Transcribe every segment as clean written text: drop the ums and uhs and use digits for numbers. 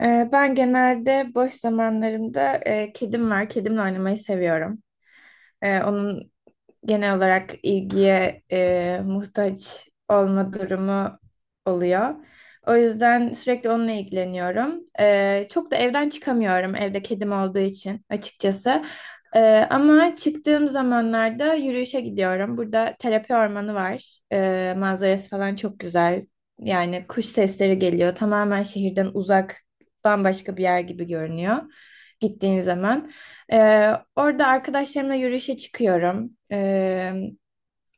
Ben genelde boş zamanlarımda kedim var. Kedimle oynamayı seviyorum. Onun genel olarak ilgiye muhtaç olma durumu oluyor. O yüzden sürekli onunla ilgileniyorum. Çok da evden çıkamıyorum evde kedim olduğu için açıkçası. Ama çıktığım zamanlarda yürüyüşe gidiyorum. Burada terapi ormanı var. Manzarası falan çok güzel. Yani kuş sesleri geliyor. Tamamen şehirden uzak, bambaşka bir yer gibi görünüyor gittiğin zaman. Orada arkadaşlarımla yürüyüşe çıkıyorum.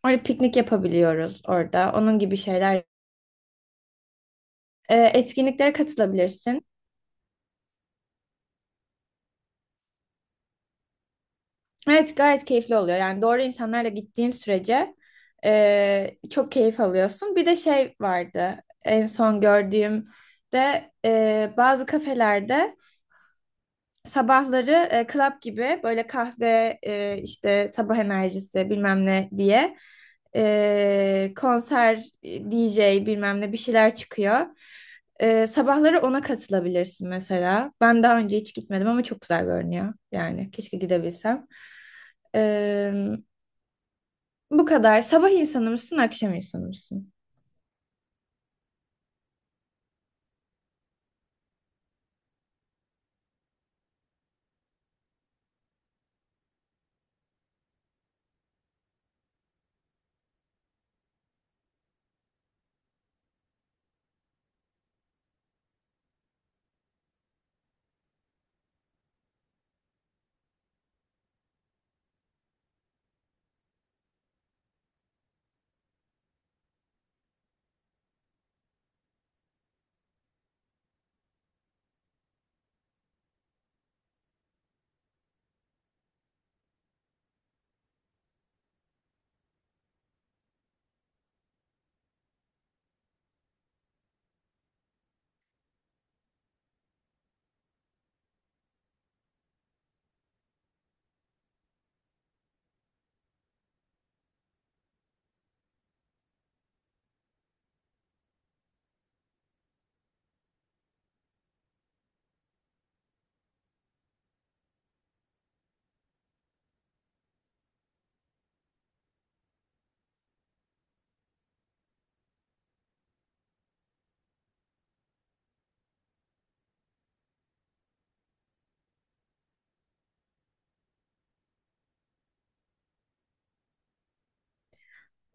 Orada piknik yapabiliyoruz orada. Onun gibi şeyler. Etkinliklere katılabilirsin. Evet, gayet keyifli oluyor. Yani doğru insanlarla gittiğin sürece çok keyif alıyorsun. Bir de şey vardı, en son gördüğümde bazı kafelerde sabahları club gibi böyle kahve, işte sabah enerjisi bilmem ne diye, konser, DJ bilmem ne bir şeyler çıkıyor. Sabahları ona katılabilirsin mesela. Ben daha önce hiç gitmedim ama çok güzel görünüyor. Yani keşke gidebilsem. E, Bu kadar. Sabah insanı mısın, akşam insanı mısın?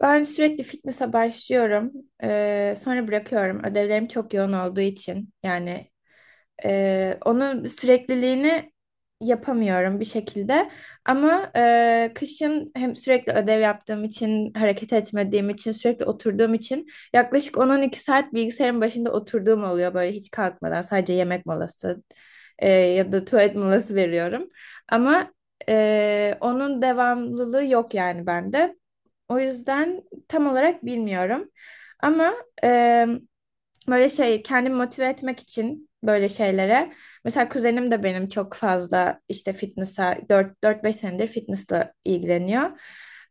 Ben sürekli fitness'a başlıyorum. Sonra bırakıyorum. Ödevlerim çok yoğun olduğu için. Yani onun sürekliliğini yapamıyorum bir şekilde. Ama kışın hem sürekli ödev yaptığım için, hareket etmediğim için, sürekli oturduğum için yaklaşık 10-12 saat bilgisayarın başında oturduğum oluyor böyle hiç kalkmadan. Sadece yemek molası ya da tuvalet molası veriyorum. Ama onun devamlılığı yok yani bende. O yüzden tam olarak bilmiyorum. Ama... E, Böyle şey kendimi motive etmek için böyle şeylere. Mesela kuzenim de benim çok fazla işte fitness'a dört beş senedir fitness'la ilgileniyor.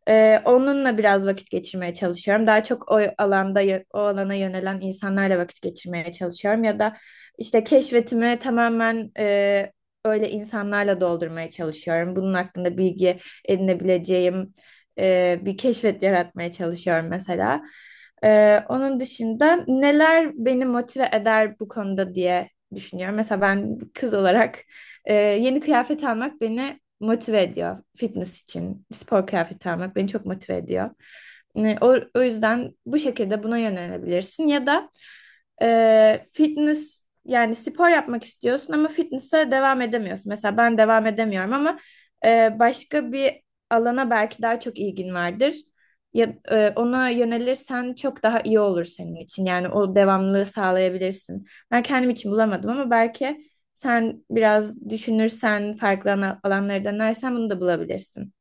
Onunla biraz vakit geçirmeye çalışıyorum. Daha çok o alanda o alana yönelen insanlarla vakit geçirmeye çalışıyorum. Ya da işte keşfetimi tamamen öyle insanlarla doldurmaya çalışıyorum. Bunun hakkında bilgi edinebileceğim bir keşfet yaratmaya çalışıyorum mesela. Onun dışında neler beni motive eder bu konuda diye düşünüyorum. Mesela ben bir kız olarak yeni kıyafet almak beni motive ediyor. Fitness için spor kıyafeti almak beni çok motive ediyor. Yani o yüzden bu şekilde buna yönelebilirsin. Ya da fitness yani spor yapmak istiyorsun ama fitness'e devam edemiyorsun. Mesela ben devam edemiyorum ama başka bir alana belki daha çok ilgin vardır. Ya, ona yönelirsen çok daha iyi olur senin için. Yani o devamlılığı sağlayabilirsin. Ben kendim için bulamadım ama belki sen biraz düşünürsen, farklı alanları denersen bunu da bulabilirsin.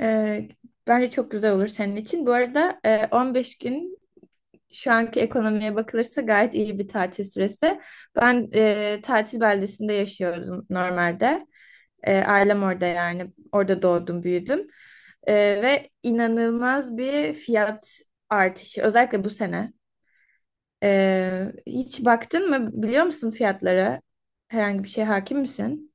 E, Bence çok güzel olur senin için. Bu arada 15 gün şu anki ekonomiye bakılırsa gayet iyi bir tatil süresi. Ben tatil beldesinde yaşıyordum normalde. Ailem orada yani. Orada doğdum, büyüdüm. Ee, Ve inanılmaz bir fiyat artışı. Özellikle bu sene. Hiç baktın mı? Biliyor musun fiyatlara? Herhangi bir şeye hakim misin?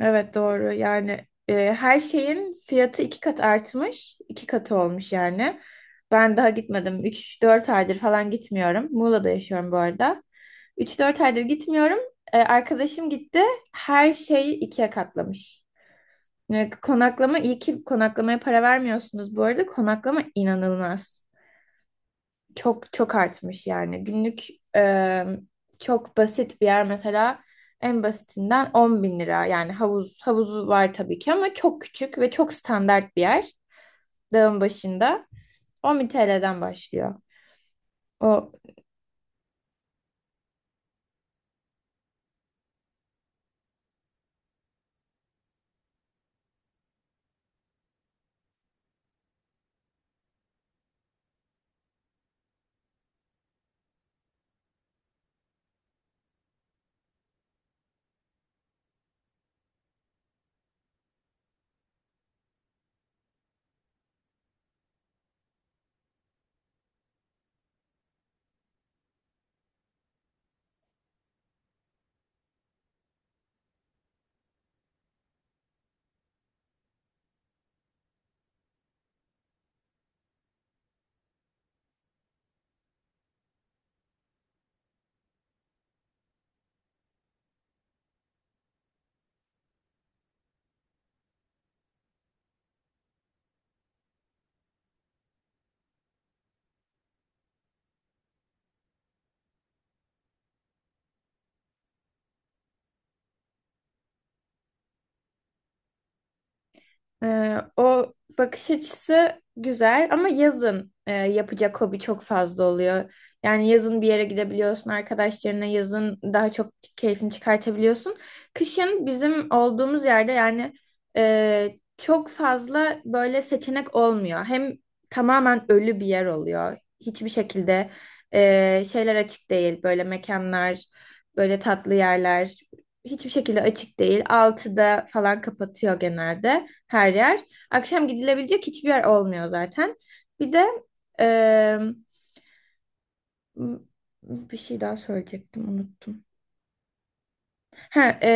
Evet, doğru yani. E, Her şeyin fiyatı iki kat artmış, iki katı olmuş yani. Ben daha gitmedim, üç dört aydır falan gitmiyorum. Muğla'da yaşıyorum bu arada. Üç dört aydır gitmiyorum. Arkadaşım gitti, her şeyi ikiye katlamış yani. Konaklama, iyi ki konaklamaya para vermiyorsunuz bu arada, konaklama inanılmaz çok çok artmış yani. Günlük, e, çok basit bir yer mesela, en basitinden 10 bin lira. Yani havuzu var tabii ki ama çok küçük ve çok standart bir yer. Dağın başında 10 bin TL'den başlıyor. O o bakış açısı güzel ama yazın yapacak hobi çok fazla oluyor. Yani yazın bir yere gidebiliyorsun arkadaşlarına, yazın daha çok keyfini çıkartabiliyorsun. Kışın bizim olduğumuz yerde yani çok fazla böyle seçenek olmuyor. Hem tamamen ölü bir yer oluyor. Hiçbir şekilde şeyler açık değil. Böyle mekanlar, böyle tatlı yerler hiçbir şekilde açık değil. 6'da falan kapatıyor genelde her yer. Akşam gidilebilecek hiçbir yer olmuyor zaten. Bir de eee, bir şey daha söyleyecektim, unuttum. Ha,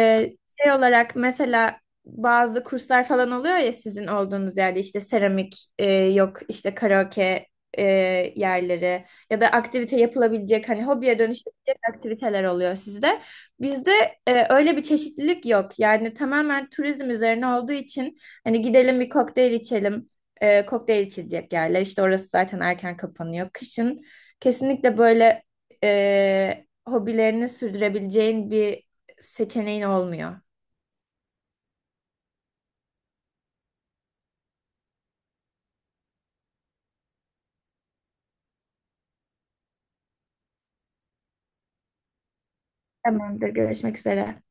şey olarak mesela bazı kurslar falan oluyor ya sizin olduğunuz yerde, işte seramik, yok işte karaoke e, yerleri ya da aktivite yapılabilecek, hani hobiye dönüşebilecek aktiviteler oluyor sizde. Bizde öyle bir çeşitlilik yok. Yani tamamen turizm üzerine olduğu için hani, gidelim bir kokteyl içelim. Kokteyl içilecek yerler işte, orası zaten erken kapanıyor. Kışın kesinlikle böyle hobilerini sürdürebileceğin bir seçeneğin olmuyor. Tamamdır. Görüşmek üzere.